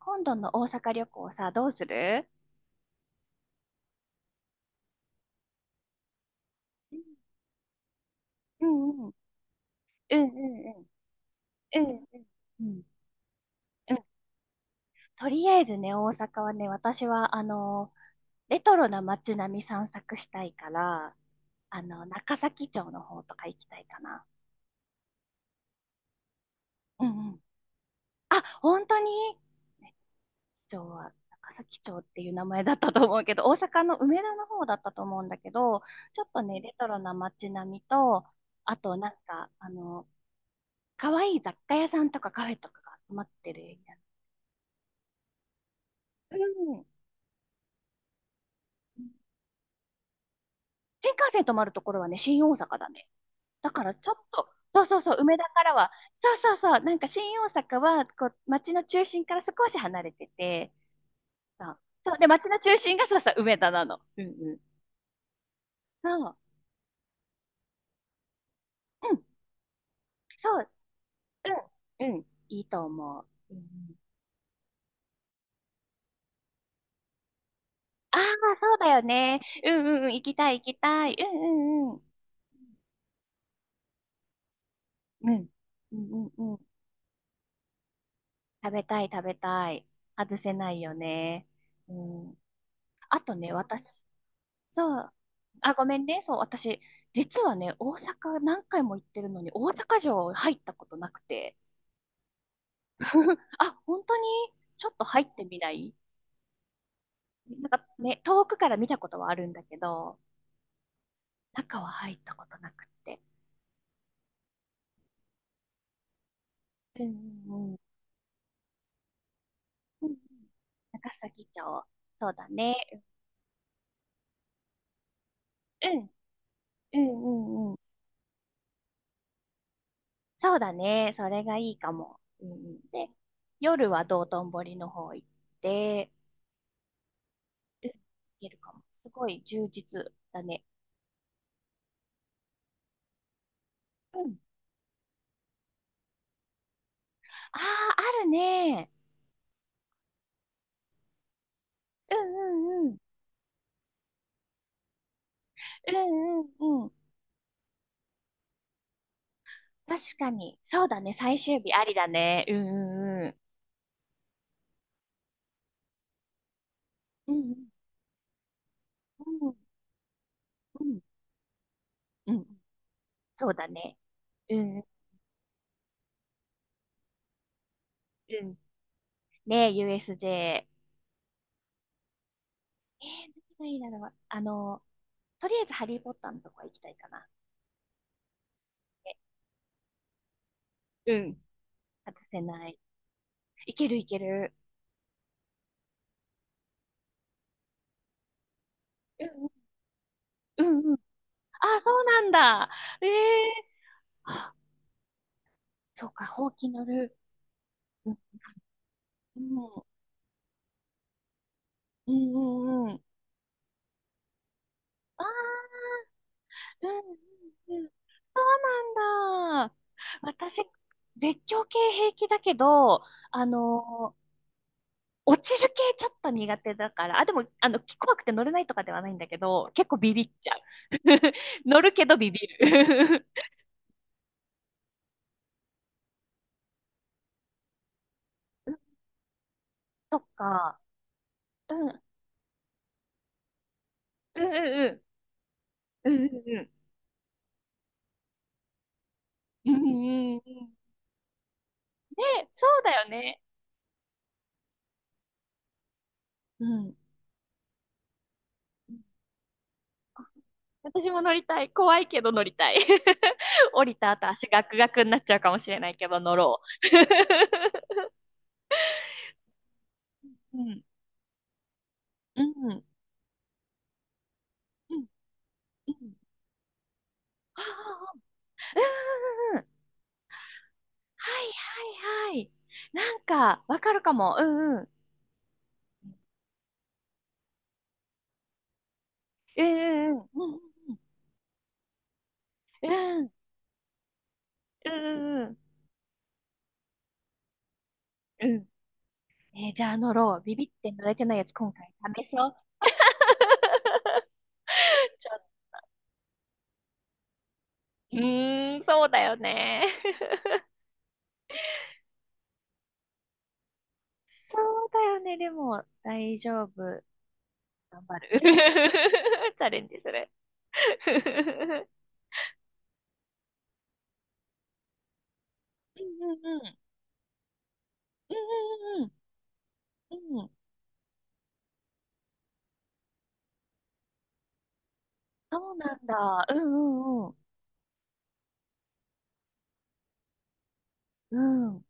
今度の大阪旅行さ、どうする？うんうん。うんうんうん。うんうん。うんうん。とりあえずね、大阪はね、私は、レトロな街並み散策したいから、中崎町の方とか行きたいかな。うんうん。あ、本当に？町は、中崎町っていう名前だったと思うけど、大阪の梅田の方だったと思うんだけど、ちょっとね、レトロな街並みと、あとなんか、可愛い雑貨屋さんとかカフェとかが集まってるエリア。うん。新幹線止まるところはね、新大阪だね。だからちょっと、そうそうそう、梅田からは、そうそうそう、なんか新大阪は、こう、街の中心から少し離れてて、そう、そう、で、街の中心がそうそう、梅田なの。うんうん。そう、うん、そう、うん、うん、いいと思う。うんうん、ああ、そうだよね。うんうんうん、行きたい行きたい。うんうんうん。うん、うんうんうん。食べたい、食べたい。外せないよね。うん。あとね、私、そう、あ、ごめんね。そう、私、実はね、大阪何回も行ってるのに、大阪城入ったことなくて。あ、本当に？ちょっと入ってみない？なんかね、遠くから見たことはあるんだけど、中は入ったことなくって。うん、うん、うん。うんうん、中崎町。そうだね。うん、うん、うん、うん。そうだね。それがいいかも。うんうん、で、夜は道頓堀の方行って、うん、行けるかも。すごい充実だね。うん。ああ、あるね。うんうんうん。うんうんうん。確かに。そうだね。最終日ありだね。うんうんうん。うんうんうん。うんうん、そうだね。うんうん、ねえ、USJ。えー、何がいいだろう。とりあえずハリーポッターのとこ行きたいかな。ね、うん。外せない。いけるいける。うんうんうんうん。あ、そうなんだ。ええ、あ、そうか、ほうき乗る。うん、うん、うんうんうん。ああ、うんうんうん。そうなんだ。私、絶叫系平気だけど、あのー落ちる系ちょっと苦手だから、あ、でも、怖くて乗れないとかではないんだけど、結構ビビっちゃう。乗るけどビビる。そっか。うん、うん、うん、うん、うん、うん、うん、うん、うん、うん、ねえ、そうだよね。うん。私も乗りたい。怖いけど乗りたい。降りた後足ガクガクになっちゃうかもしれないけど乗ろう。うん。うん。うん。うんうん、ああ、うんうんうん。はいはいはい。なんか、わかるかも。うんうん。うんうんうん。うんうんうん。うんうんうん。えー、じゃあ乗ろう。ビビって乗れてないやつ今回試そう。ちょ、うーん、そうだよね。そうだよね。でも、大丈夫。頑張る。チャレンジする。うんうんうん。うんうんうん。うん。そうなんだ。うんうんうん。うん。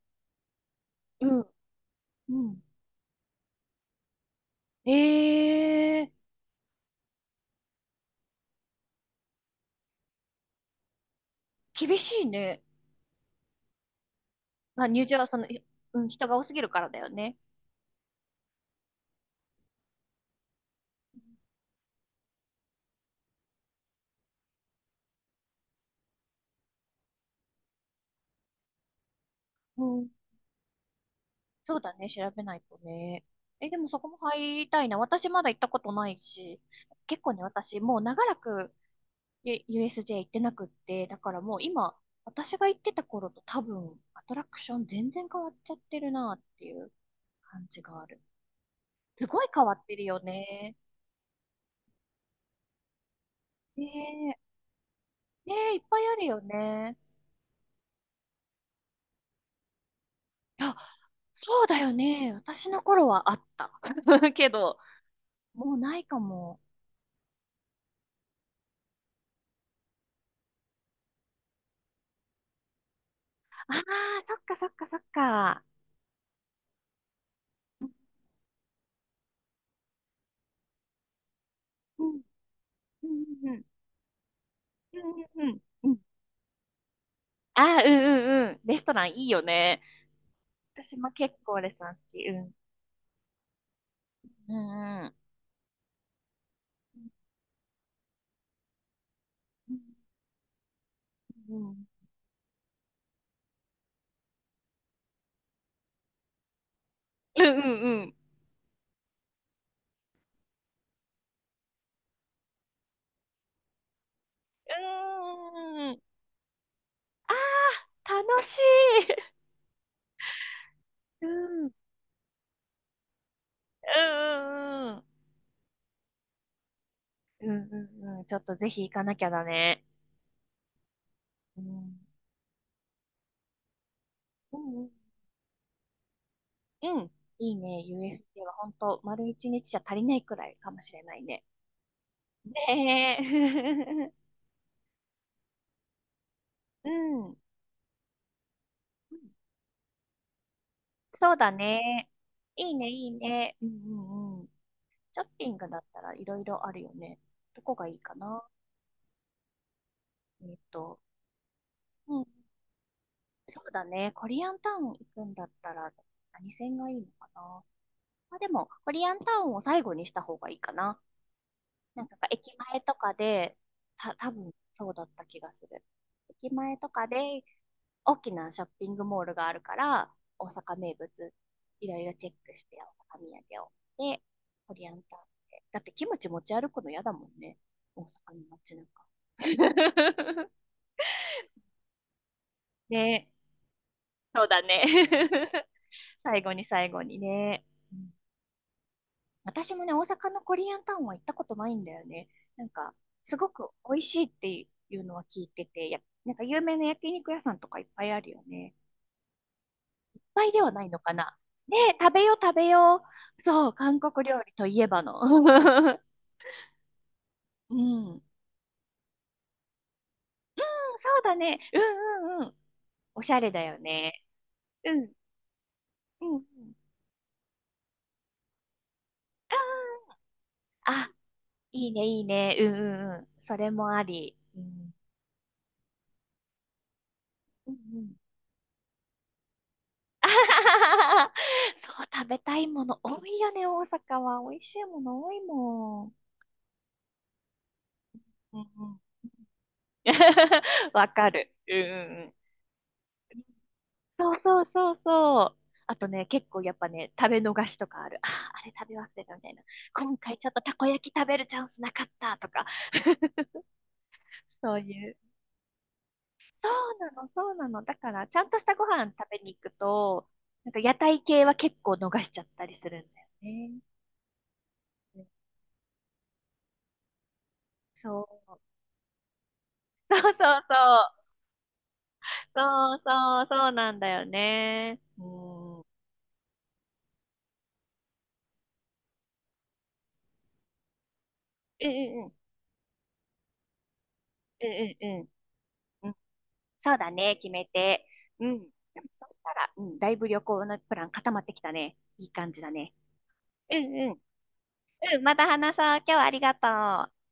うん。うん。ええー、厳しいね。まあ、入場はその、い、うん、人が多すぎるからだよね。うん。そうだね。調べないとね。え、でもそこも入りたいな。私まだ行ったことないし。結構ね、私もう長らくゆ、 USJ 行ってなくって、だからもう今、私が行ってた頃と多分、アトラクション全然変わっちゃってるなっていう感じがある。すごい変わってるよね。ねえ、ねえ、いっぱいあるよね。あ、そうだよね。私の頃はあった。けど、もうないかも。ああ、そっかそっかそっか。うん、うん、うん、うん、うん、うん。ああー、うん、うん、うん。レストランいいよね。私も結構レストラン好き。うん、うん、うん。うんうんうんうんうん。うーん。楽しい。うんうんうんうんうんうんうん。ちょっとぜひ行かなきゃだね。うん。うんうん。うん。うんん、いいね。USD は本当丸一日じゃ足りないくらいかもしれないね。ねえ。うん。うん、そうだね。いいね、いいね。うんうんうん。ショッピングだったらいろいろあるよね。どこがいいかな？えっと、うん、そうだね。コリアンタウン行くんだったら、何線がいいのかな。まあ、でも、コリアンタウンを最後にした方がいいかな。なんか、駅前とかで、た、多分そうだった気がする。駅前とかで、大きなショッピングモールがあるから、大阪名物、いろいろチェックして、大阪土産を。で、コリアンタウンで。だってキムチ持ち歩くの嫌だもんね。大阪の街なんか。ね、そうだね。最後に、最後にね。うん、私もね、大阪のコリアンタウンは行ったことないんだよね。なんか、すごく美味しいっていうのは聞いてて、や、なんか有名な焼肉屋さんとかいっぱいあるよね。いっぱいではないのかな。ねえ、食べよう食べよう。そう、韓国料理といえばの。うん。うん、そうだね。うんうんうん。おしゃれだよね。うん。うんうん。あ、いいねいいね。うんうんうん。それもあり。うん。うんうん。 あはははそう、食べたいもの多いよね、大阪は。美味しいもの多いもん。うんうん。 わかる。うんうんうん。そうそうそうそう。あとね、結構やっぱね、食べ逃しとかある。あー、あれ食べ忘れたみたいな。今回ちょっとたこ焼き食べるチャンスなかったとか、そういう。そうなの、そうなの。だから、ちゃんとしたご飯食べに行くと、なんか屋台系は結構逃しちゃったりするんだよね。そう。そうそうそう。そうそう、そうなんだよね。うん。うんうんうん。うんうんうん。うん、そうだね、決めて。うん。でもそうしたら、うん、だいぶ旅行のプラン固まってきたね。いい感じだね。うんうん。うん、また話そう。今日はありがとう。